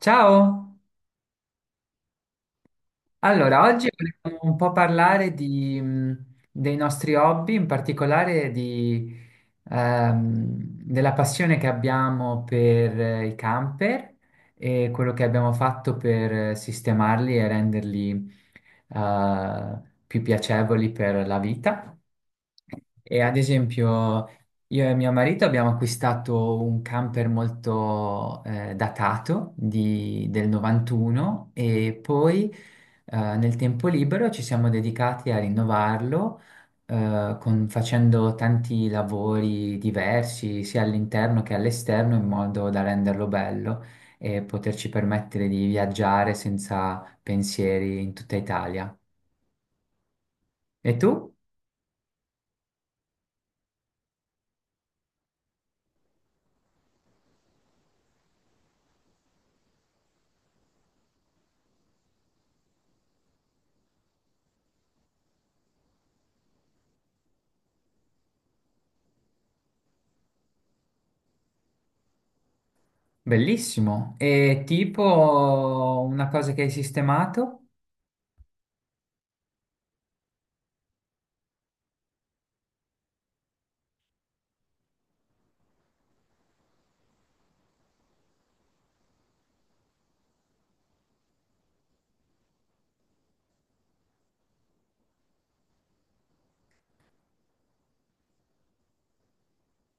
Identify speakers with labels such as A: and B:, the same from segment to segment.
A: Ciao! Allora, oggi volevo un po' parlare di, dei nostri hobby, in particolare di, ehm, della passione che abbiamo per i camper e quello che abbiamo fatto per sistemarli e renderli, eh, più piacevoli per la vita. E ad esempio, io e mio marito abbiamo acquistato un camper molto datato del 91 e poi nel tempo libero ci siamo dedicati a rinnovarlo, facendo tanti lavori diversi, sia all'interno che all'esterno, in modo da renderlo bello e poterci permettere di viaggiare senza pensieri in tutta Italia. E tu? Bellissimo. E tipo una cosa che hai sistemato?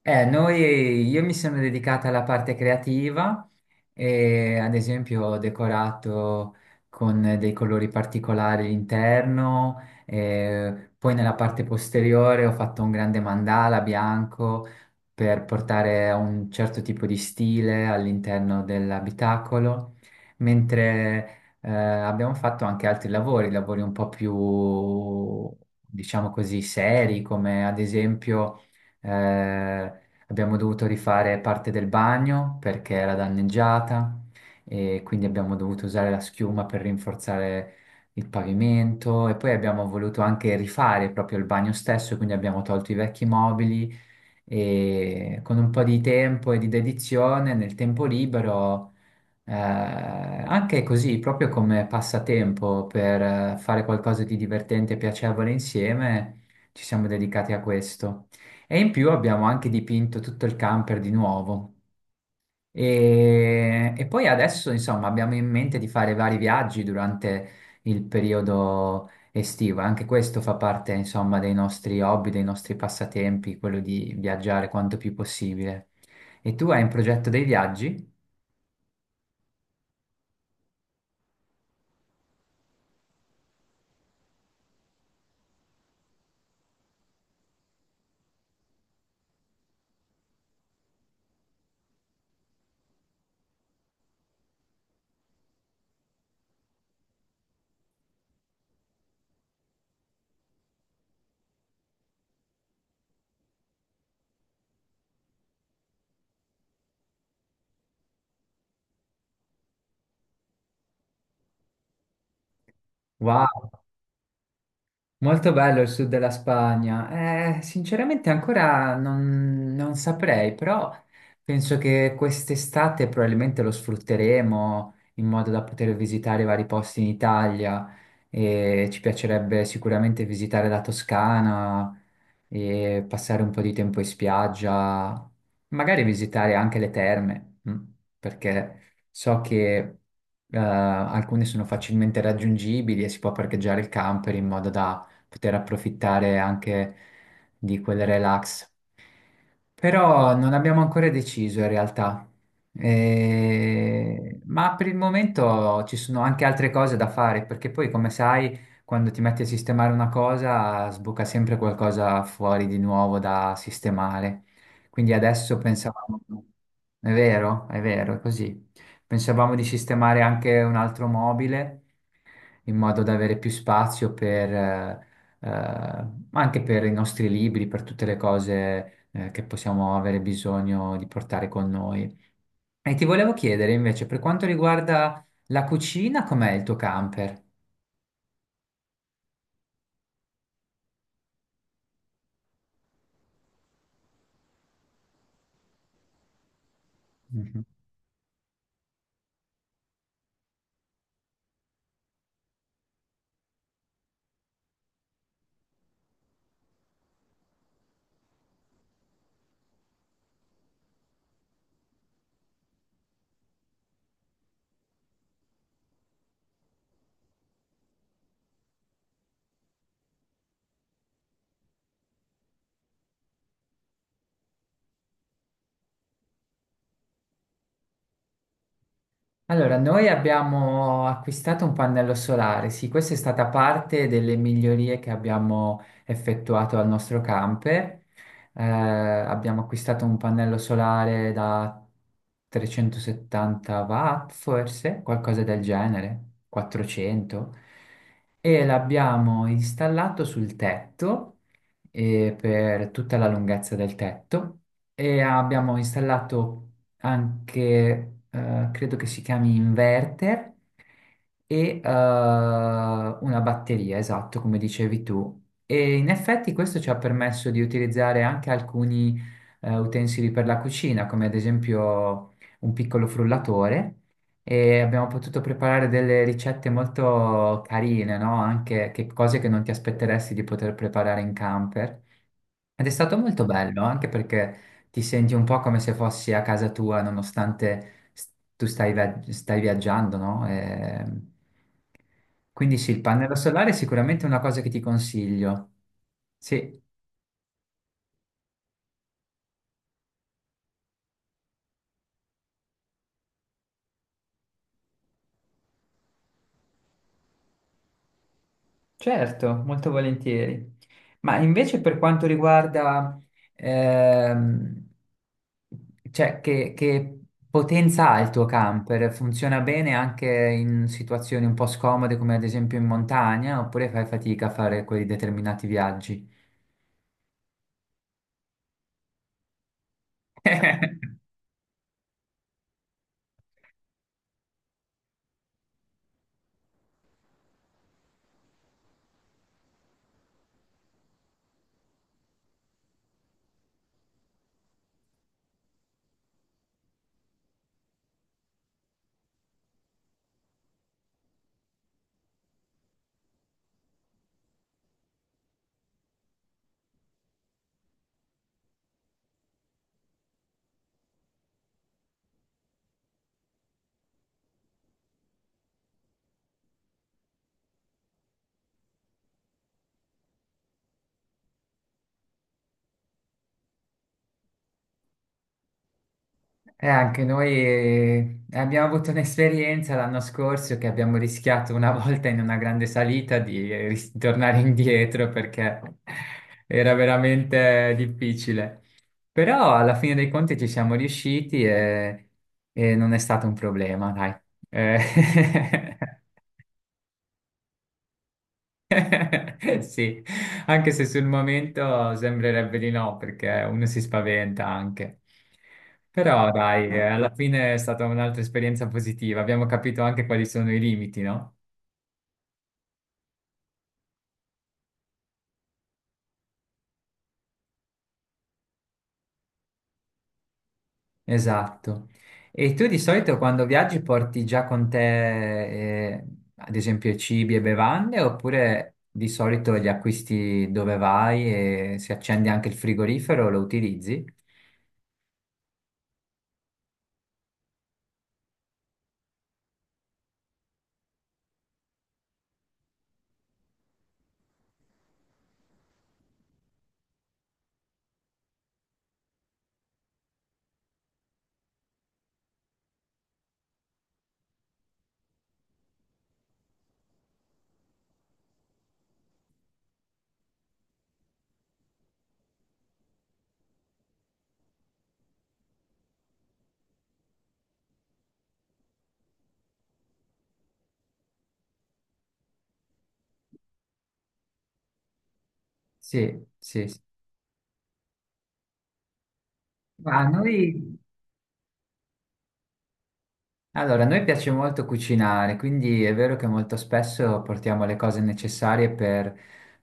A: Io mi sono dedicata alla parte creativa e ad esempio ho decorato con dei colori particolari l'interno, poi nella parte posteriore ho fatto un grande mandala bianco per portare un certo tipo di stile all'interno dell'abitacolo, mentre abbiamo fatto anche altri lavori, lavori un po' più, diciamo così, seri, come ad esempio eh, Abbiamo dovuto rifare parte del bagno perché era danneggiata e quindi abbiamo dovuto usare la schiuma per rinforzare il pavimento e poi abbiamo voluto anche rifare proprio il bagno stesso, quindi abbiamo tolto i vecchi mobili e con un po' di tempo e di dedizione nel tempo libero anche così, proprio come passatempo per fare qualcosa di divertente e piacevole insieme, ci siamo dedicati a questo. E in più abbiamo anche dipinto tutto il camper di nuovo. E poi adesso, insomma, abbiamo in mente di fare vari viaggi durante il periodo estivo. Anche questo fa parte, insomma, dei nostri hobby, dei nostri passatempi, quello di viaggiare quanto più possibile. E tu hai in progetto dei viaggi? Wow! Molto bello il sud della Spagna. Sinceramente ancora non saprei, però penso che quest'estate probabilmente lo sfrutteremo in modo da poter visitare vari posti in Italia e ci piacerebbe sicuramente visitare la Toscana e passare un po' di tempo in spiaggia, magari visitare anche le terme, perché so che alcune sono facilmente raggiungibili e si può parcheggiare il camper in modo da poter approfittare anche di quel relax. Però non abbiamo ancora deciso in realtà. Ma per il momento ci sono anche altre cose da fare, perché poi, come sai, quando ti metti a sistemare una cosa, sbuca sempre qualcosa fuori di nuovo da sistemare. Quindi adesso pensavamo, è vero, è vero, è così. Pensavamo di sistemare anche un altro mobile in modo da avere più spazio per, anche per i nostri libri, per tutte le cose, che possiamo avere bisogno di portare con noi. E ti volevo chiedere invece, per quanto riguarda la cucina, com'è il tuo camper? Mhm. Allora, noi abbiamo acquistato un pannello solare, sì, questa è stata parte delle migliorie che abbiamo effettuato al nostro camper. Abbiamo acquistato un pannello solare da 370 watt, forse, qualcosa del genere, 400, e l'abbiamo installato sul tetto per tutta la lunghezza del tetto e abbiamo installato anche, credo che si chiami inverter, e una batteria, esatto, come dicevi tu. E in effetti questo ci ha permesso di utilizzare anche alcuni utensili per la cucina, come ad esempio un piccolo frullatore. E abbiamo potuto preparare delle ricette molto carine, no? Anche cose che non ti aspetteresti di poter preparare in camper. Ed è stato molto bello, anche perché ti senti un po' come se fossi a casa tua, nonostante tu stai viaggiando, no? Quindi sì, il pannello solare è sicuramente una cosa che ti consiglio. Sì, certo, molto volentieri. Ma invece per quanto riguarda, ehm, cioè, che potenza ha il tuo camper? Funziona bene anche in situazioni un po' scomode, come ad esempio in montagna, oppure fai fatica a fare quei determinati viaggi? E anche noi abbiamo avuto un'esperienza l'anno scorso che abbiamo rischiato una volta in una grande salita di tornare indietro perché era veramente difficile. Però alla fine dei conti ci siamo riusciti e non è stato un problema, dai. Eh, Sì, anche se sul momento sembrerebbe di no, perché uno si spaventa anche. Però dai, alla fine è stata un'altra esperienza positiva, abbiamo capito anche quali sono i limiti, no? Esatto. E tu di solito quando viaggi porti già con te, ad esempio, cibi e bevande, oppure di solito li acquisti dove vai e se accendi anche il frigorifero lo utilizzi? Sì, sì, sì. Ma noi Allora, a noi piace molto cucinare, quindi è vero che molto spesso portiamo le cose necessarie per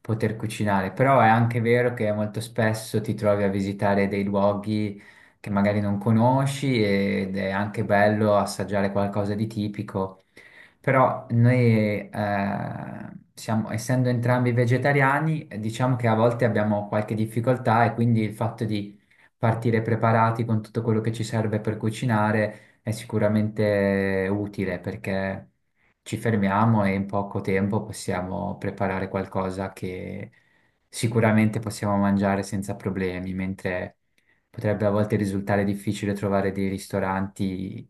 A: poter cucinare, però è anche vero che molto spesso ti trovi a visitare dei luoghi che magari non conosci ed è anche bello assaggiare qualcosa di tipico. Però noi, siamo, essendo entrambi vegetariani, diciamo che a volte abbiamo qualche difficoltà e quindi il fatto di partire preparati con tutto quello che ci serve per cucinare è sicuramente utile perché ci fermiamo e in poco tempo possiamo preparare qualcosa che sicuramente possiamo mangiare senza problemi, mentre potrebbe a volte risultare difficile trovare dei ristoranti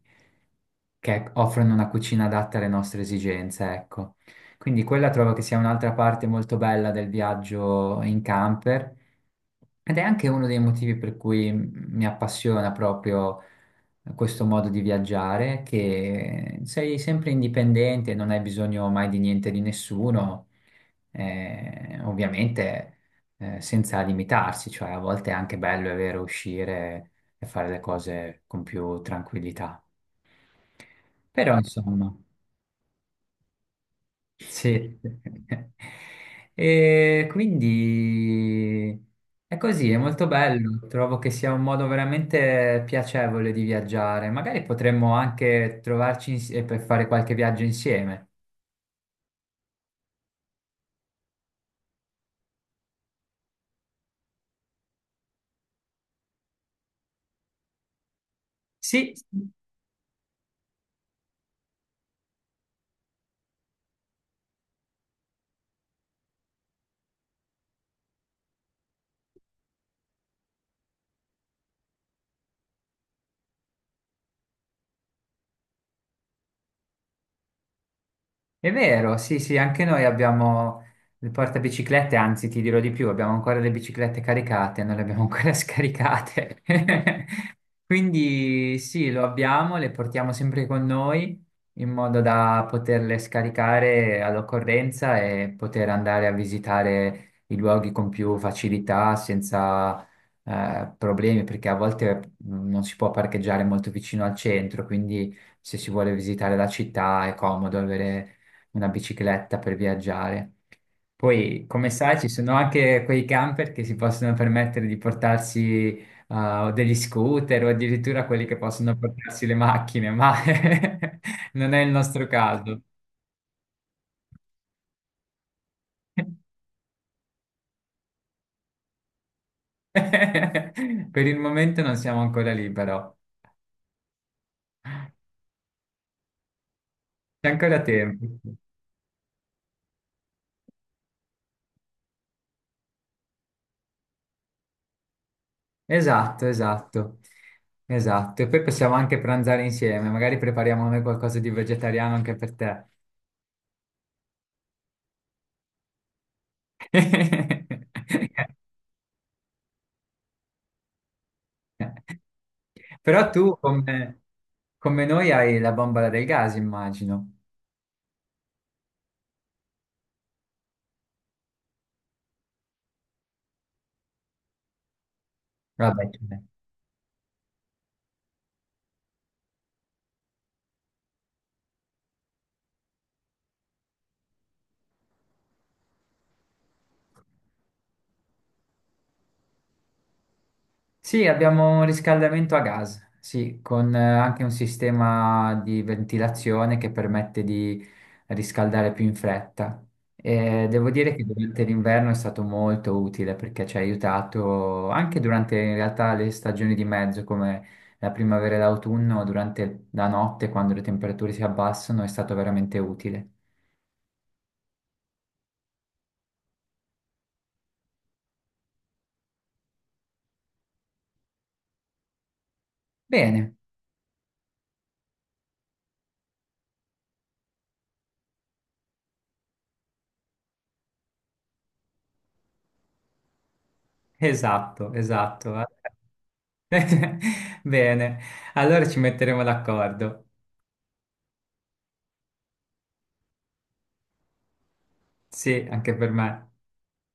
A: che offrono una cucina adatta alle nostre esigenze, ecco. Quindi quella trovo che sia un'altra parte molto bella del viaggio in camper ed è anche uno dei motivi per cui mi appassiona proprio questo modo di viaggiare, che sei sempre indipendente, non hai bisogno mai di niente di nessuno, ovviamente senza limitarsi, cioè a volte è anche bello, è vero, uscire e fare le cose con più tranquillità. Però insomma, sì. E quindi è così, è molto bello. Trovo che sia un modo veramente piacevole di viaggiare. Magari potremmo anche trovarci per fare qualche viaggio insieme. Sì, è vero, sì, sì, anche noi abbiamo le portabiciclette, anzi, ti dirò di più, abbiamo ancora le biciclette caricate, non le abbiamo ancora scaricate. Quindi sì, lo abbiamo, le portiamo sempre con noi in modo da poterle scaricare all'occorrenza e poter andare a visitare i luoghi con più facilità, senza problemi, perché a volte non si può parcheggiare molto vicino al centro, quindi se si vuole visitare la città è comodo avere una bicicletta per viaggiare. Poi, come sai, ci sono anche quei camper che si possono permettere di portarsi o degli scooter o addirittura quelli che possono portarsi le macchine, ma non è il nostro caso. Per il momento non siamo ancora lì, però c'è ancora tempo. Esatto, esatto, esatto. E poi possiamo anche pranzare insieme, magari prepariamo noi qualcosa di vegetariano anche per te. Però tu, come noi, hai la bombola del gas, immagino. Vabbè, Sì, abbiamo un riscaldamento a gas, sì, con anche un sistema di ventilazione che permette di riscaldare più in fretta. E devo dire che durante l'inverno è stato molto utile perché ci ha aiutato anche durante in realtà le stagioni di mezzo, come la primavera e l'autunno, durante la notte, quando le temperature si abbassano, è stato veramente utile. Bene, esatto, esatto. Bene, allora ci metteremo d'accordo. Sì, anche per me.